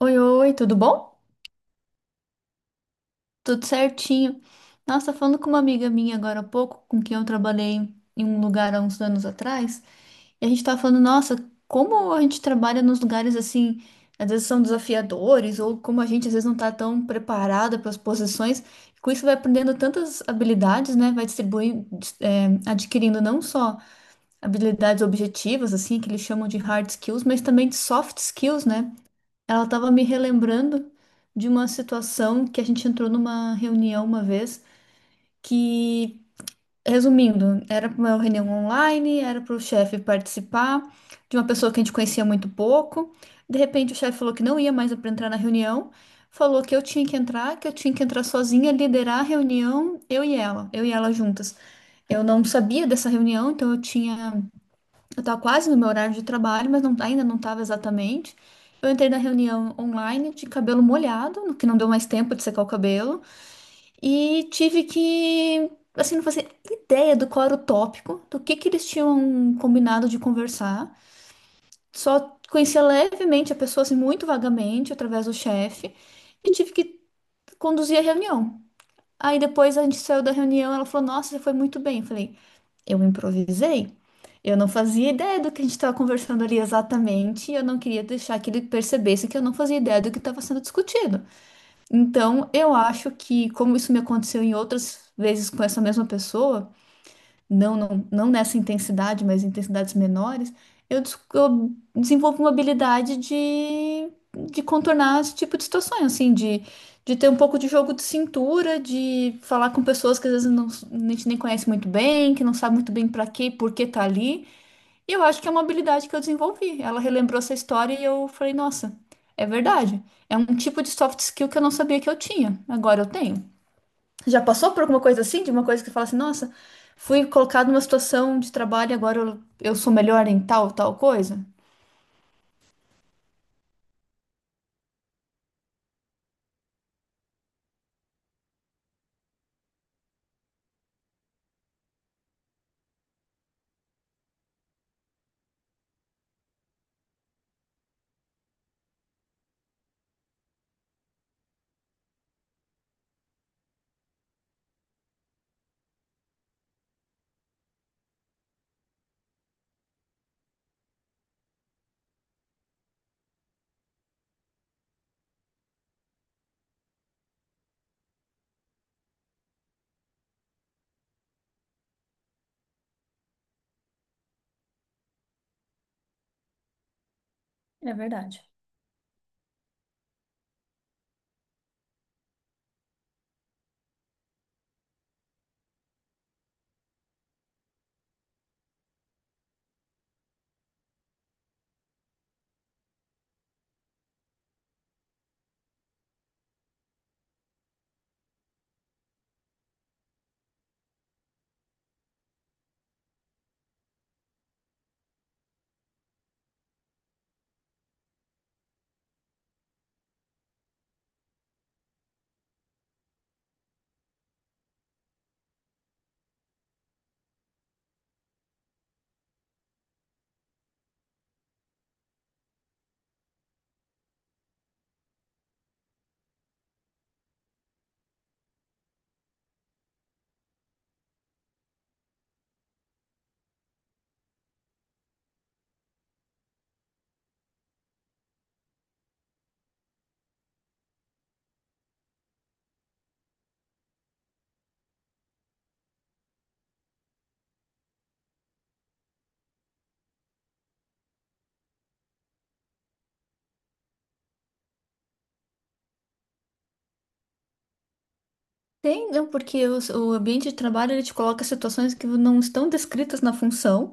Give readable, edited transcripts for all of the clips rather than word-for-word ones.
Oi, oi, tudo bom? Tudo certinho. Nossa, falando com uma amiga minha agora há pouco, com quem eu trabalhei em um lugar há uns anos atrás, e a gente tava falando, nossa, como a gente trabalha nos lugares assim, às vezes são desafiadores, ou como a gente às vezes não tá tão preparada para as posições, e com isso vai aprendendo tantas habilidades, né? Vai distribuindo, adquirindo não só habilidades objetivas, assim, que eles chamam de hard skills, mas também de soft skills, né? Ela estava me relembrando de uma situação que a gente entrou numa reunião uma vez, que, resumindo, era uma reunião online, era para o chefe participar de uma pessoa que a gente conhecia muito pouco. De repente, o chefe falou que não ia mais para entrar na reunião, falou que eu tinha que entrar, que eu tinha que entrar sozinha, liderar a reunião, eu e ela juntas. Eu não sabia dessa reunião, então eu tinha eu estava quase no meu horário de trabalho, mas ainda não estava exatamente. Eu entrei na reunião online de cabelo molhado, no que não deu mais tempo de secar o cabelo, e tive que, assim, não fazia ideia do qual era o tópico, do que eles tinham combinado de conversar. Só conhecia levemente a pessoa, assim, muito vagamente, através do chefe, e tive que conduzir a reunião. Aí depois a gente saiu da reunião, ela falou: Nossa, você foi muito bem. Eu falei. Eu improvisei. Eu não fazia ideia do que a gente estava conversando ali exatamente, e eu não queria deixar que ele percebesse que eu não fazia ideia do que estava sendo discutido. Então, eu acho que, como isso me aconteceu em outras vezes com essa mesma pessoa, não, não, não nessa intensidade, mas em intensidades menores, eu, eu desenvolvo uma habilidade de contornar esse tipo de situações, assim, de ter um pouco de jogo de cintura, de falar com pessoas que às vezes não, a gente nem conhece muito bem, que não sabe muito bem para quê e por que tá ali. E eu acho que é uma habilidade que eu desenvolvi. Ela relembrou essa história e eu falei, nossa, é verdade. É um tipo de soft skill que eu não sabia que eu tinha. Agora eu tenho. Já passou por alguma coisa assim? De uma coisa que você fala assim, nossa, fui colocado numa situação de trabalho e agora eu sou melhor em tal, tal coisa? É verdade. Tem, não, porque o ambiente de trabalho ele te coloca situações que não estão descritas na função,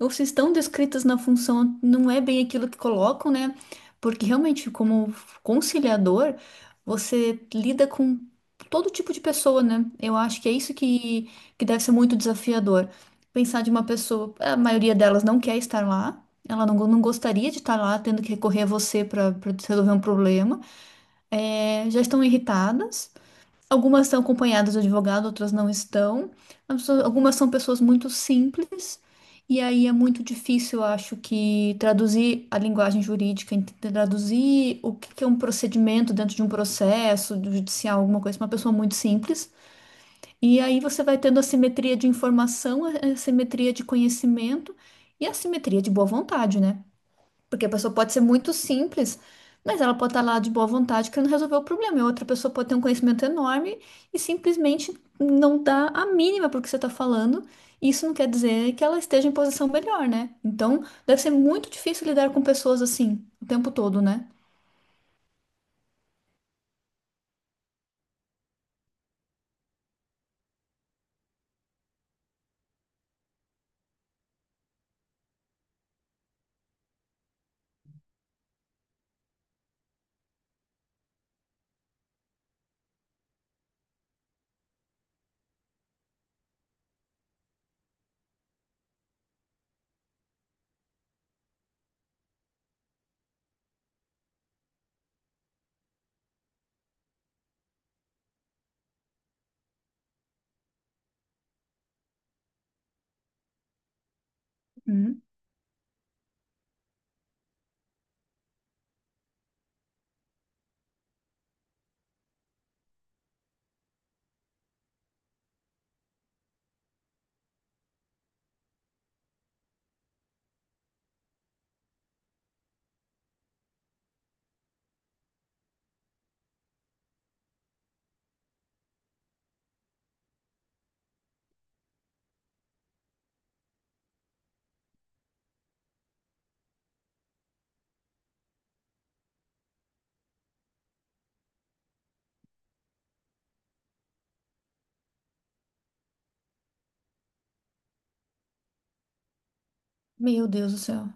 ou se estão descritas na função, não é bem aquilo que colocam, né? Porque realmente, como conciliador, você lida com todo tipo de pessoa, né? Eu acho que é isso que deve ser muito desafiador. Pensar de uma pessoa, a maioria delas não quer estar lá, ela não, não gostaria de estar lá, tendo que recorrer a você para resolver um problema, já estão irritadas. Algumas estão acompanhadas de advogado, outras não estão. Algumas são pessoas muito simples, e aí é muito difícil, eu acho, que traduzir a linguagem jurídica, traduzir o que que é um procedimento dentro de um processo do judicial, alguma coisa, pra uma pessoa muito simples. E aí você vai tendo a simetria de informação, a assimetria de conhecimento e a simetria de boa vontade, né? Porque a pessoa pode ser muito simples, mas ela pode estar lá de boa vontade querendo resolver o problema. E outra pessoa pode ter um conhecimento enorme e simplesmente não dá a mínima para o que você está falando. Isso não quer dizer que ela esteja em posição melhor, né? Então, deve ser muito difícil lidar com pessoas assim o tempo todo, né? Uhum. Meu Deus do céu.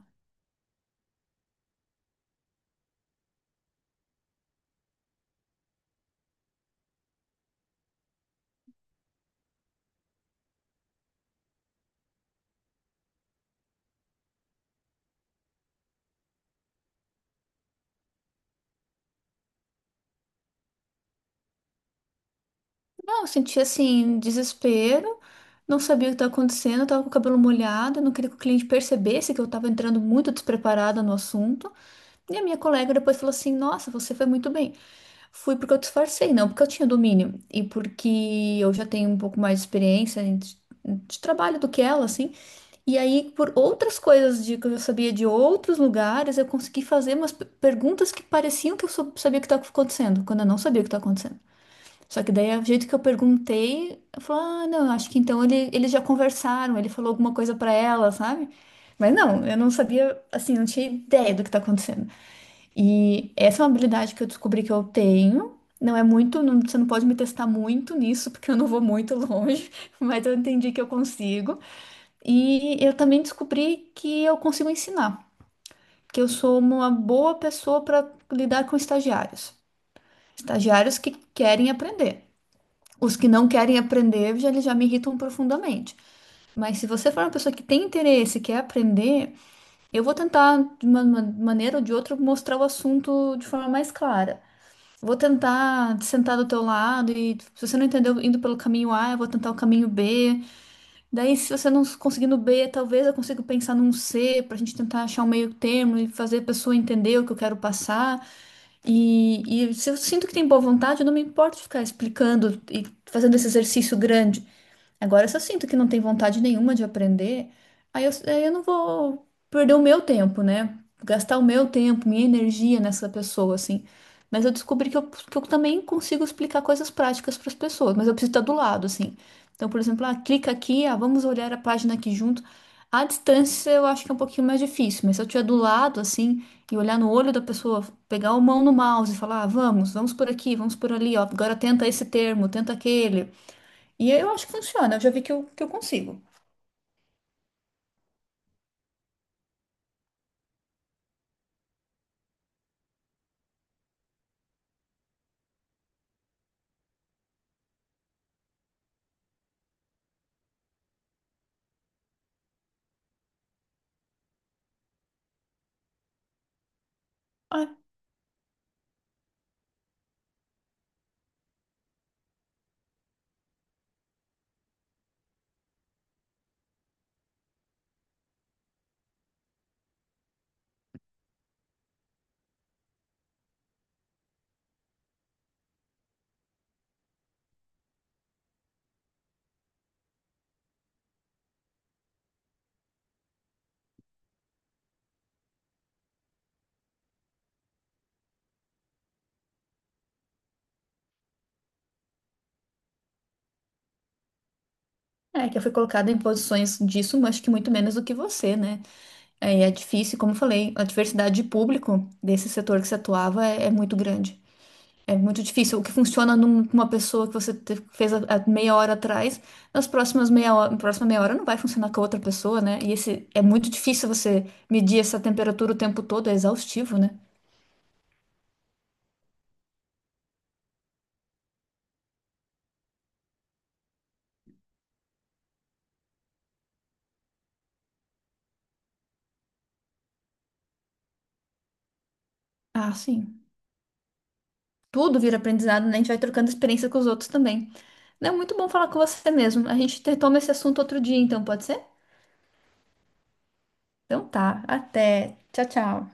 Não, eu senti assim, desespero, não sabia o que estava acontecendo, eu tava com o cabelo molhado, eu não queria que o cliente percebesse que eu estava entrando muito despreparada no assunto. E a minha colega depois falou assim: Nossa, você foi muito bem. Fui porque eu disfarcei, não porque eu tinha domínio. E porque eu já tenho um pouco mais de experiência de trabalho do que ela, assim. E aí, por outras coisas de, que eu já sabia de outros lugares, eu consegui fazer umas perguntas que pareciam que eu sabia o que estava acontecendo, quando eu não sabia o que estava acontecendo. Só que daí, o jeito que eu perguntei, eu falei, ah, não, acho que então ele, eles já conversaram, ele falou alguma coisa para ela, sabe? Mas não, eu não sabia, assim, não tinha ideia do que tá acontecendo. E essa é uma habilidade que eu descobri que eu tenho. Não é muito, você não pode me testar muito nisso, porque eu não vou muito longe, mas eu entendi que eu consigo. E eu também descobri que eu consigo ensinar, que eu sou uma boa pessoa para lidar com estagiários. Estagiários que querem aprender. Os que não querem aprender, já, eles já me irritam profundamente. Mas se você for uma pessoa que tem interesse, quer aprender, eu vou tentar, de uma maneira ou de outra, mostrar o assunto de forma mais clara. Vou tentar sentar do teu lado e se você não entendeu indo pelo caminho A, eu vou tentar o caminho B. Daí, se você não conseguir no B, talvez eu consiga pensar num C pra gente tentar achar um meio termo e fazer a pessoa entender o que eu quero passar. E se eu sinto que tem boa vontade, eu não me importo de ficar explicando e fazendo esse exercício grande. Agora, se eu sinto que não tem vontade nenhuma de aprender, aí eu não vou perder o meu tempo, né? Gastar o meu tempo, minha energia nessa pessoa, assim. Mas eu descobri que que eu também consigo explicar coisas práticas para as pessoas, mas eu preciso estar do lado, assim. Então, por exemplo, ah, clica aqui, ah, vamos olhar a página aqui junto. À distância, eu acho que é um pouquinho mais difícil, mas se eu estiver do lado, assim, e olhar no olho da pessoa, pegar a mão no mouse e falar, ah, vamos, vamos por aqui, vamos por ali, ó, agora tenta esse termo, tenta aquele. E eu acho que funciona, eu já vi que eu consigo. Ah, é, que eu fui colocada em posições disso, mas que muito menos do que você, né? É, e é difícil, como eu falei, a diversidade de público desse setor que você atuava é muito grande. É muito difícil. O que funciona numa pessoa que você fez há meia hora atrás, nas próximas meia hora, na próxima meia hora não vai funcionar com a outra pessoa, né? E esse, é muito difícil você medir essa temperatura o tempo todo, é exaustivo, né? Ah, sim. Tudo vira aprendizado, né? A gente vai trocando experiência com os outros também. Não, muito bom falar com você mesmo. A gente retoma esse assunto outro dia, então, pode ser? Então tá. Até. Tchau, tchau.